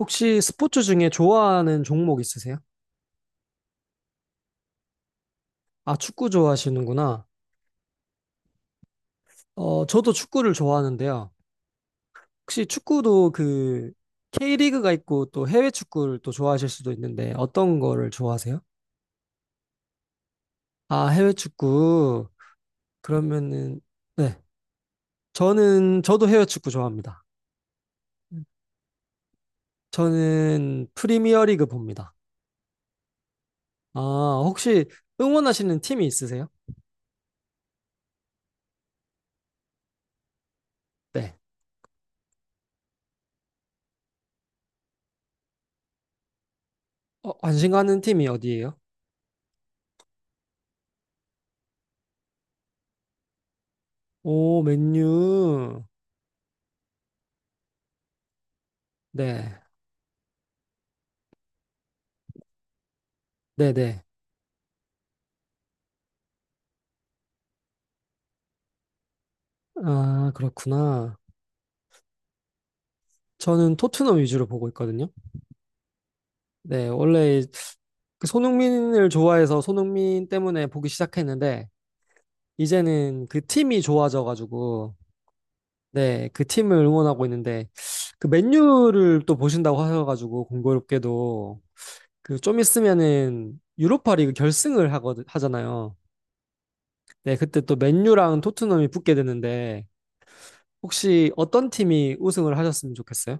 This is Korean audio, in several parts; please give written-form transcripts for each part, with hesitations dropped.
혹시 스포츠 중에 좋아하는 종목 있으세요? 아, 축구 좋아하시는구나. 저도 축구를 좋아하는데요. 혹시 축구도 그 K리그가 있고 또 해외 축구를 또 좋아하실 수도 있는데 어떤 거를 좋아하세요? 아, 해외 축구. 그러면은 네. 저는 저도 해외 축구 좋아합니다. 저는 프리미어리그 봅니다. 아, 혹시 응원하시는 팀이 있으세요? 네. 어, 관심 가는 팀이 어디예요? 오, 맨유. 네. 네네. 아, 그렇구나. 저는 토트넘 위주로 보고 있거든요. 네, 원래 그 손흥민을 좋아해서 손흥민 때문에 보기 시작했는데, 이제는 그 팀이 좋아져가지고, 네, 그 팀을 응원하고 있는데, 그 맨유를 또 보신다고 하셔가지고, 공교롭게도, 그 좀 있으면은 유로파리그 결승을 하거든, 하잖아요. 네, 그때 또 맨유랑 토트넘이 붙게 되는데, 혹시 어떤 팀이 우승을 하셨으면 좋겠어요?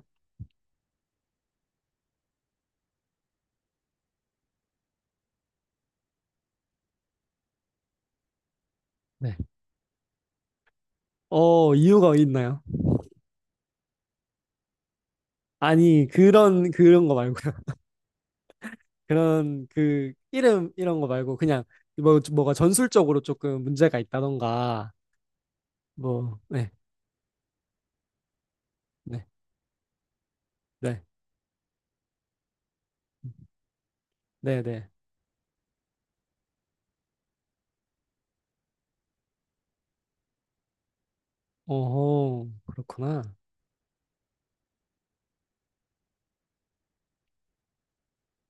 네. 어, 이유가 있나요? 아니 그런 거 말고요. 그런 그 이름 이런 거 말고 그냥 뭐 뭐가 전술적으로 조금 문제가 있다던가 뭐 네. 네. 네. 네, 네. 어허. 그렇구나.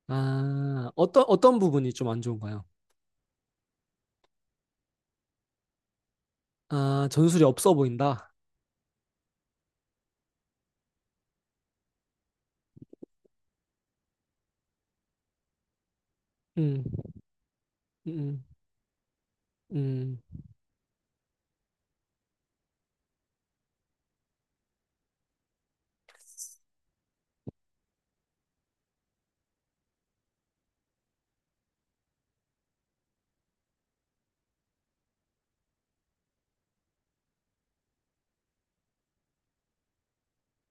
아, 어떤 부분이 좀 안 좋은가요? 아, 전술이 없어 보인다. 음. 음. 음.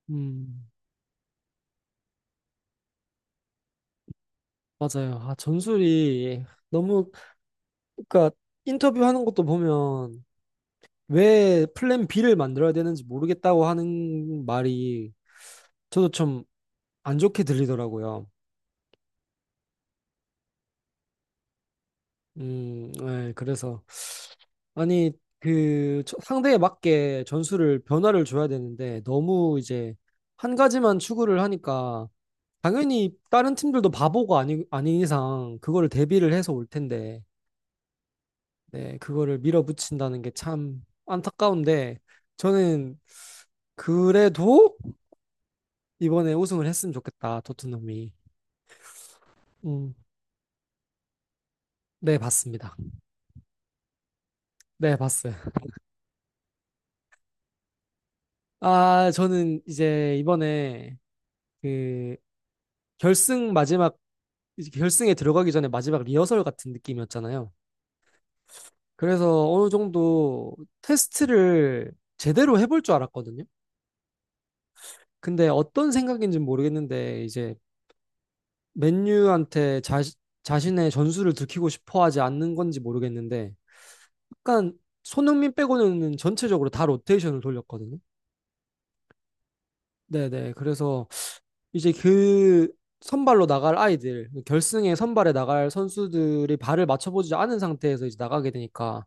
음. 음. 맞아요. 아, 전술이 너무 그러니까 인터뷰하는 것도 보면 왜 플랜 B를 만들어야 되는지 모르겠다고 하는 말이 저도 좀 안 좋게 들리더라고요. 네 그래서 아니 상대에 맞게 전술을 변화를 줘야 되는데 너무 이제 한 가지만 추구를 하니까 당연히 다른 팀들도 바보가 아니 아닌 이상 그거를 대비를 해서 올 텐데 네, 그거를 밀어붙인다는 게 참 안타까운데 저는 그래도 이번에 우승을 했으면 좋겠다, 토트넘이. 음, 네, 봤습니다. 네, 봤어요. 아, 저는 이제 이번에 그 결승 마지막 이제 결승에 들어가기 전에 마지막 리허설 같은 느낌이었잖아요. 그래서 어느 정도 테스트를 제대로 해볼 줄 알았거든요. 근데 어떤 생각인지는 모르겠는데 이제 맨유한테 자신의 전술을 들키고 싶어 하지 않는 건지 모르겠는데 약간 손흥민 빼고는 전체적으로 다 로테이션을 돌렸거든요. 네네. 그래서 이제 그 선발로 나갈 아이들, 결승에 선발에 나갈 선수들이 발을 맞춰보지 않은 상태에서 이제 나가게 되니까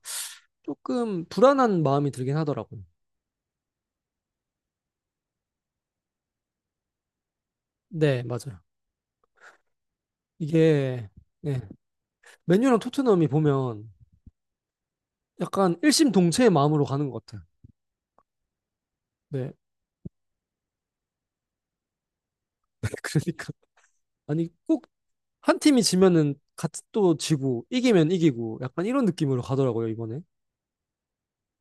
조금 불안한 마음이 들긴 하더라고요. 네, 맞아요. 이게 네. 맨유랑 토트넘이 보면 약간 일심동체의 마음으로 가는 것 같아요. 네, 그러니까 아니 꼭 한 팀이 지면은 같이 또 지고 이기면 이기고 약간 이런 느낌으로 가더라고요 이번에.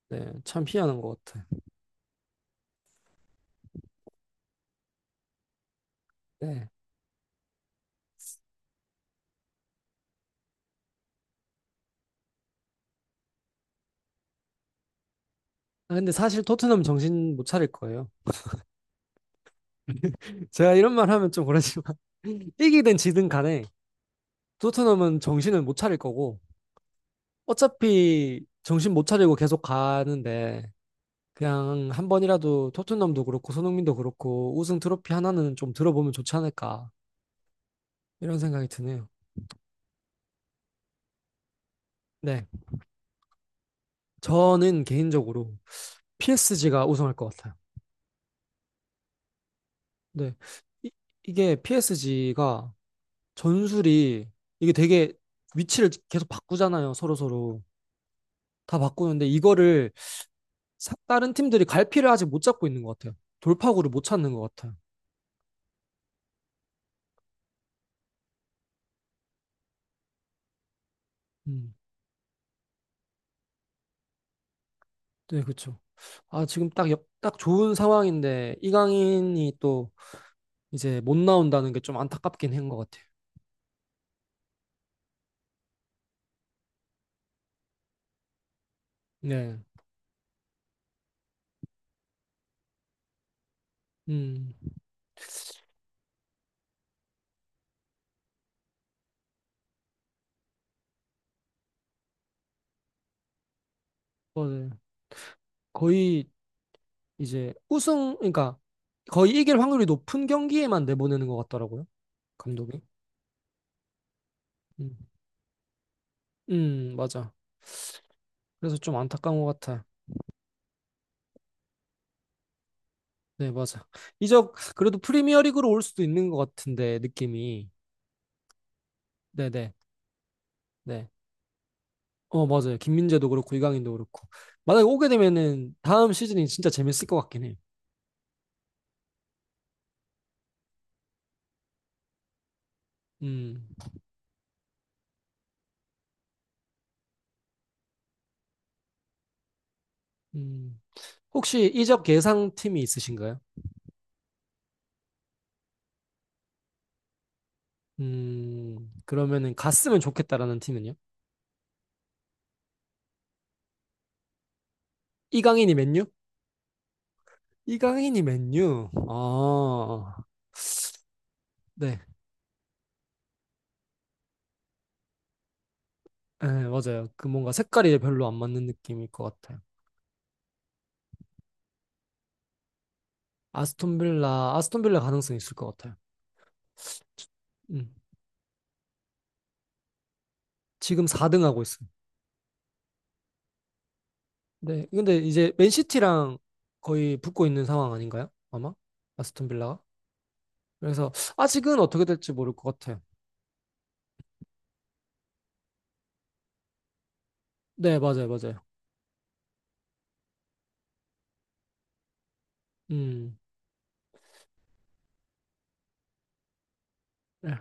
네, 참 희한한 것 같아요. 네. 아, 근데 사실 토트넘 정신 못 차릴 거예요. 제가 이런 말 하면 좀 그렇지만 이기든 지든 간에 토트넘은 정신을 못 차릴 거고 어차피 정신 못 차리고 계속 가는데 그냥 한 번이라도 토트넘도 그렇고 손흥민도 그렇고 우승 트로피 하나는 좀 들어보면 좋지 않을까 이런 생각이 드네요. 네, 저는 개인적으로 PSG가 우승할 것 같아요. 네, 이, 이게 PSG가 전술이 이게 되게 위치를 계속 바꾸잖아요. 서로 서로 다 바꾸는데 이거를 다른 팀들이 갈피를 아직 못 잡고 있는 것 같아요. 돌파구를 못 찾는 것 같아요. 음, 네, 그렇죠. 아, 지금 딱, 딱 좋은 상황인데 이강인이 또 이제 못 나온다는 게 좀 안타깝긴 한 것 같아요. 네, 음, 어, 네. 거의 이제 우승, 그러니까 거의 이길 확률이 높은 경기에만 내보내는 것 같더라고요, 감독이. 음, 맞아. 그래서 좀 안타까운 것 같아요. 네, 맞아. 이적 그래도 프리미어리그로 올 수도 있는 것 같은데 느낌이. 네, 네, 네. 어, 맞아요. 김민재도 그렇고, 이강인도 그렇고. 만약에 오게 되면은 다음 시즌이 진짜 재밌을 것 같긴 해요. 음, 음. 혹시 이적 예상팀이 있으신가요? 음, 그러면은 갔으면 좋겠다라는 팀은요? 이강인이 맨유? 이강인이 맨유? 아, 네. 네, 맞아요. 그 뭔가 색깔이 별로 안 맞는 느낌일 것 같아요. 아스톤빌라, 아스톤빌라 가능성이 있을 것 같아요. 음, 지금 4등 하고 있어요. 네. 근데 이제 맨시티랑 거의 붙고 있는 상황 아닌가요? 아마? 아스톤 빌라가? 그래서 아직은 어떻게 될지 모를 것 같아요. 네, 맞아요, 맞아요. 음. 네.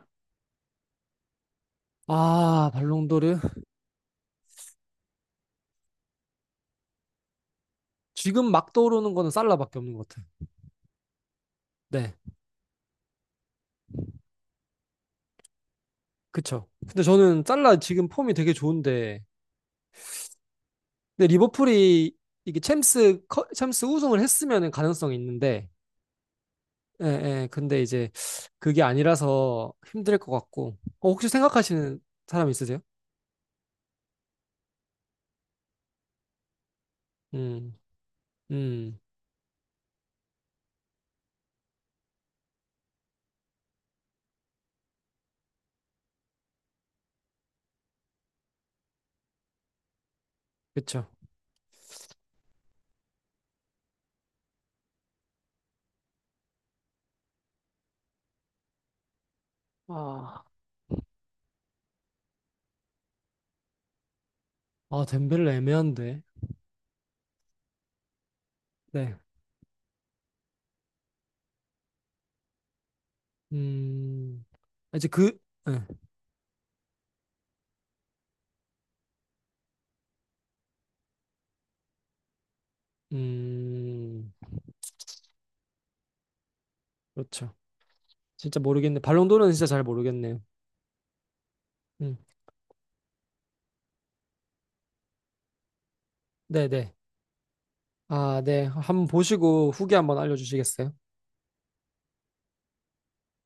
아, 발롱도르. 지금 막 떠오르는 거는 살라밖에 없는 것 같아요. 네. 그쵸. 근데 저는 살라 지금 폼이 되게 좋은데, 근데 리버풀이 이게 챔스 우승을 했으면 가능성이 있는데, 예, 예. 근데 이제 그게 아니라서 힘들 것 같고, 어, 혹시 생각하시는 사람 있으세요? 음. 음. 그쵸. 아, 아, 덴벨레 애매한데. 네. 음, 아, 이제 그, 네. 음, 그렇죠. 진짜 모르겠네. 발롱도르는 진짜 잘 모르겠네요. 음, 네네. 아, 네. 한번 보시고 후기 한번 알려주시겠어요?